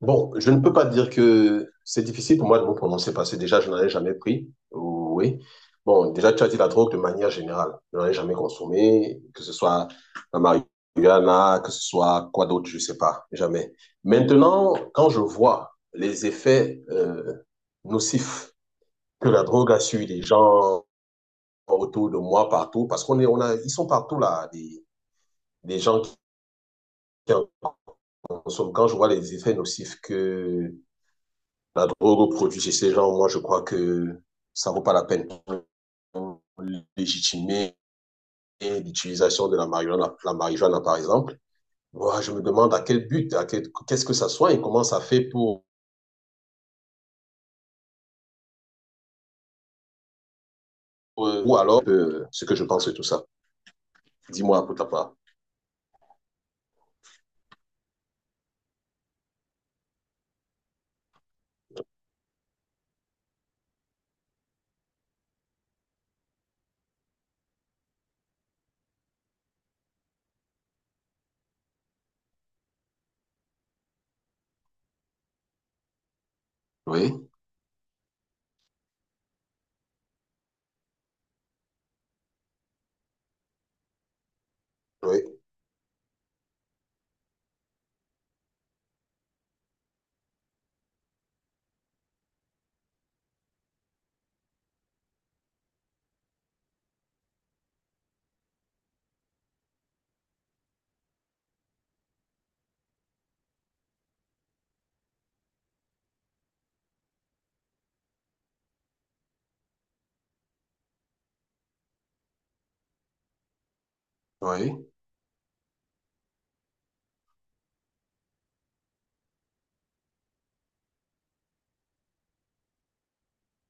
Bon, je ne peux pas dire que c'est difficile pour moi de me prononcer parce que déjà, je n'en ai jamais pris. Oui. Bon, déjà, tu as dit la drogue de manière générale. Je n'en ai jamais consommé, que ce soit la marijuana, que ce soit quoi d'autre, je ne sais pas, jamais. Maintenant, quand je vois les effets nocifs que la drogue a sur les gens autour de moi, partout, parce qu'on est, on a, ils sont partout là, des gens qui en consomment. Quand je vois les effets nocifs que la drogue aux produits chez ces gens, moi, je crois que ça ne vaut pas la peine de légitimer l'utilisation de la marijuana, par exemple. Moi, je me demande à quel but, à quel, qu'est-ce que ça soigne, comment ça fait pour, ou alors ce que je pense de tout ça. Dis-moi pour ta part. Oui, oui, oui.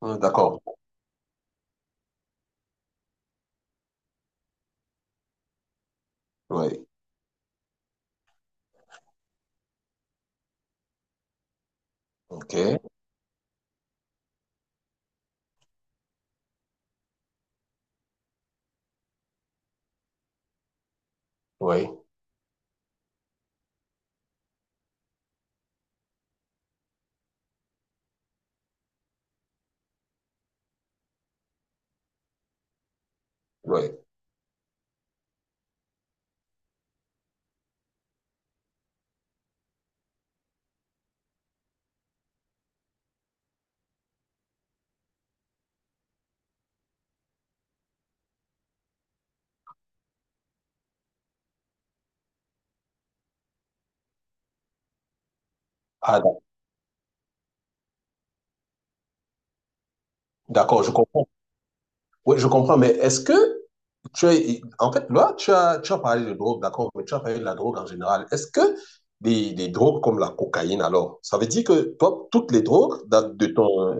D'accord. Oui. OK. Oui, oui. Ah, d'accord, je comprends. Oui, je comprends, mais est-ce que tu es- en fait, là, tu as parlé de drogue, d'accord, mais tu as parlé de la drogue en général. Est-ce que des drogues comme la cocaïne, alors, ça veut dire que toi, toutes les drogues, d'a- de ton,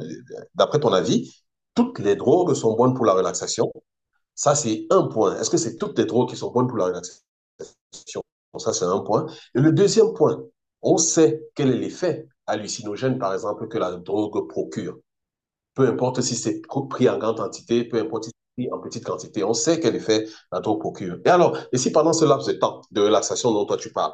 d'après ton avis, toutes les drogues sont bonnes pour la relaxation? Ça, c'est un point. Est-ce que c'est toutes les drogues qui sont bonnes pour la relaxation? Bon, ça, c'est un point. Et le deuxième point, on sait quel est l'effet hallucinogène, par exemple, que la drogue procure. Peu importe si c'est pris en grande quantité, peu importe si c'est pris en petite quantité, on sait quel effet la drogue procure. Et alors, et si pendant ce laps de temps de relaxation dont toi tu parles,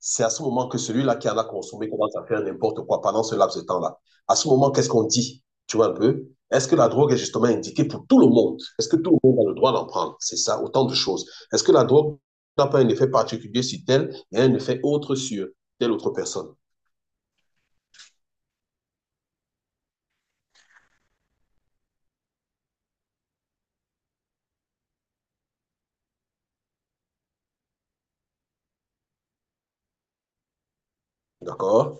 c'est à ce moment que celui-là qui en a consommé commence à faire n'importe quoi pendant ce laps de temps-là. À ce moment, qu'est-ce qu'on dit? Tu vois un peu? Est-ce que la drogue est justement indiquée pour tout le monde? Est-ce que tout le monde a le droit d'en prendre? C'est ça, autant de choses. Est-ce que la drogue n'a pas un effet particulier sur tel et un effet autre sur telle autre personne? D'accord?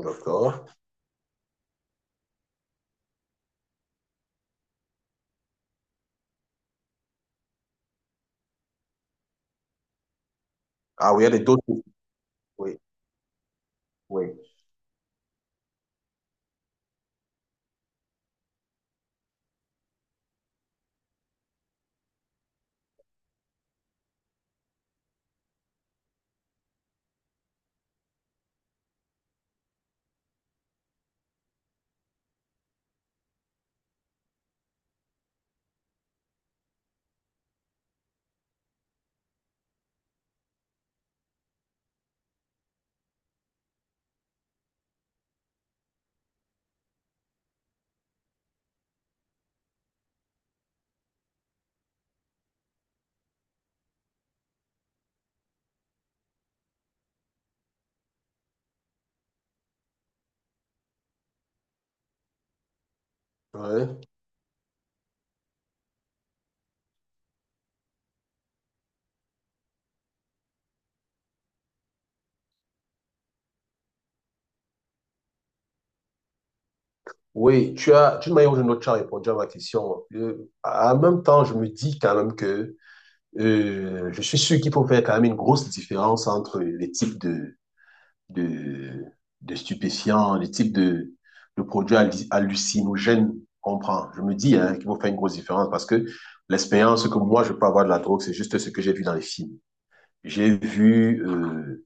D'accord. Ah oui, il y a des doses. Oui, oui. Ouais. Oui, tu as, d'une manière ou d'une autre, tu as répondu à ma question. En même temps, je me dis quand même que je suis sûr qu'il faut faire quand même une grosse différence entre les types de, de stupéfiants, les types de produits hallu- hallucinogènes qu'on prend. Je me dis hein, qu'il faut faire une grosse différence parce que l'expérience que moi, je peux avoir de la drogue, c'est juste ce que j'ai vu dans les films. J'ai vu euh,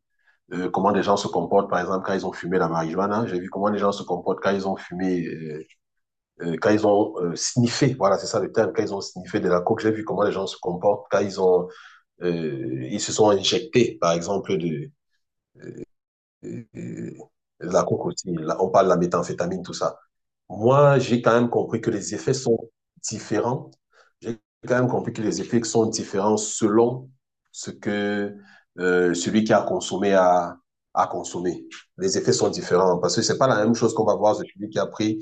euh, comment des gens se comportent, par exemple, quand ils ont fumé la marijuana. J'ai vu comment les gens se comportent quand ils ont fumé quand ils ont sniffé, voilà, c'est ça le terme, quand ils ont sniffé de la coke, j'ai vu comment les gens se comportent, quand ils ont, ils se sont injectés, par exemple, euh, euh, de la coke aussi, là, on parle de la méthamphétamine, tout ça. Moi, j'ai quand même compris que les effets sont différents. J'ai quand même compris que les effets sont différents selon ce que celui qui a consommé a, a consommé. Les effets sont différents parce que c'est pas la même chose qu'on va voir celui qui a pris,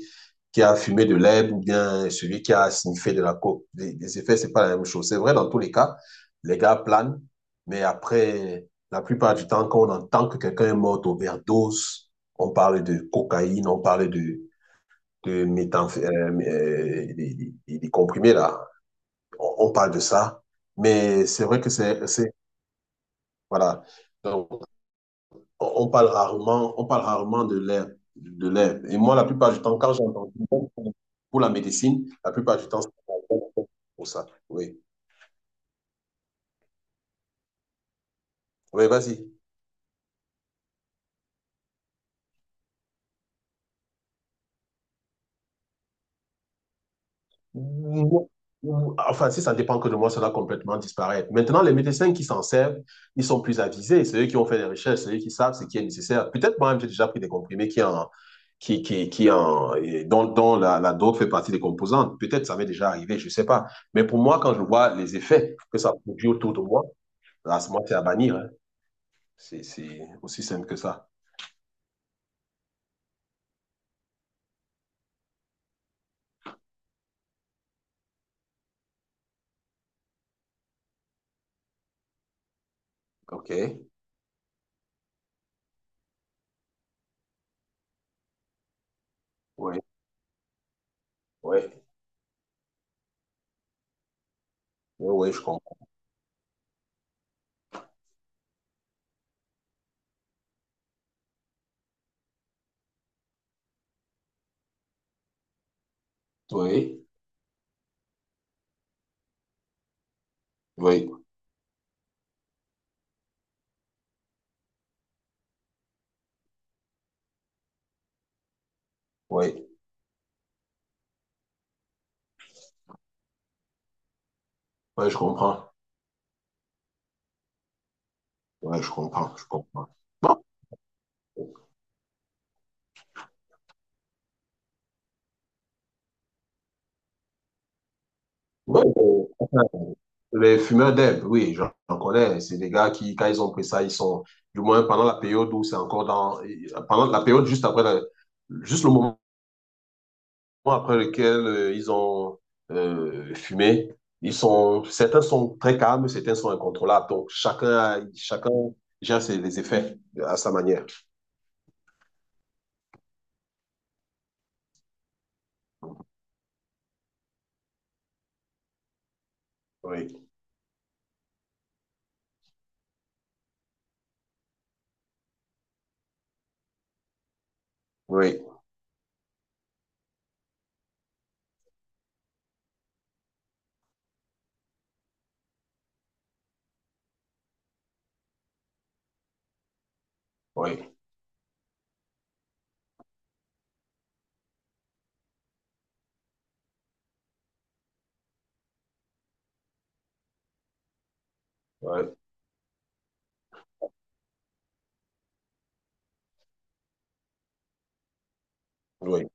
qui a fumé de l'herbe ou bien celui qui a sniffé de la coke. Les effets, c'est pas la même chose. C'est vrai dans tous les cas, les gars planent, mais après, la plupart du temps, quand on entend que quelqu'un est mort d'overdose, on parle de cocaïne, on parle de méthamph- des comprimés là. On parle de ça, mais c'est vrai que c'est- voilà. Donc, on parle rarement de l'herbe, de l'herbe. Et moi, la plupart du temps, quand j'entends pour la médecine, la plupart du temps, c'est pour ça. Oui. Oui, vas-y. Ou- ou- enfin, si ça ne dépend que de moi, ça va complètement disparaître. Maintenant, les médecins qui s'en servent, ils sont plus avisés. C'est eux qui ont fait des recherches, c'est eux qui savent ce qui est nécessaire. Peut-être moi-même, j'ai déjà pris des comprimés qui en, qui, qui en, et dont, dont la, la drogue fait partie des composantes. Peut-être ça m'est déjà arrivé, je ne sais pas. Mais pour moi, quand je vois les effets que ça produit autour de moi, là, c'est- moi, c'est à bannir. Hein. C'est aussi simple que ça. OK. Oui, oui, oui, oui, je comprends. Oui, oui, oui, oui, je comprends. Ouais, je comprends, je comprends. Bon, ouais, enfin, les fumeurs d'herbe, oui, j'en connais. C'est des gars qui, quand ils ont pris ça, ils sont, du moins pendant la période où c'est encore dans, pendant la période juste après, la- juste le moment après lequel ils ont fumé, ils sont, certains sont très calmes, certains sont incontrôlables. Donc chacun, a- chacun gère ses, les effets à sa manière. Oui, oui, oui, oui, oui.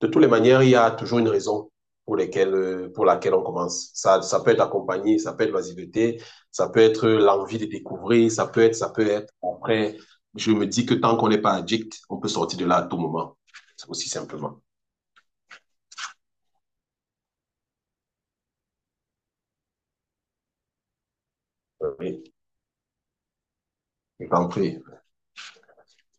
De toutes les manières, il y a toujours une raison pour, lesquelles, pour laquelle on commence. Ça peut être accompagné, ça peut être l'asiveté, ça peut être l'envie de découvrir, ça peut être après. Je me dis que tant qu'on n'est pas addict, on peut sortir de là à tout moment. Aussi simplement. Oui, je t'en prie.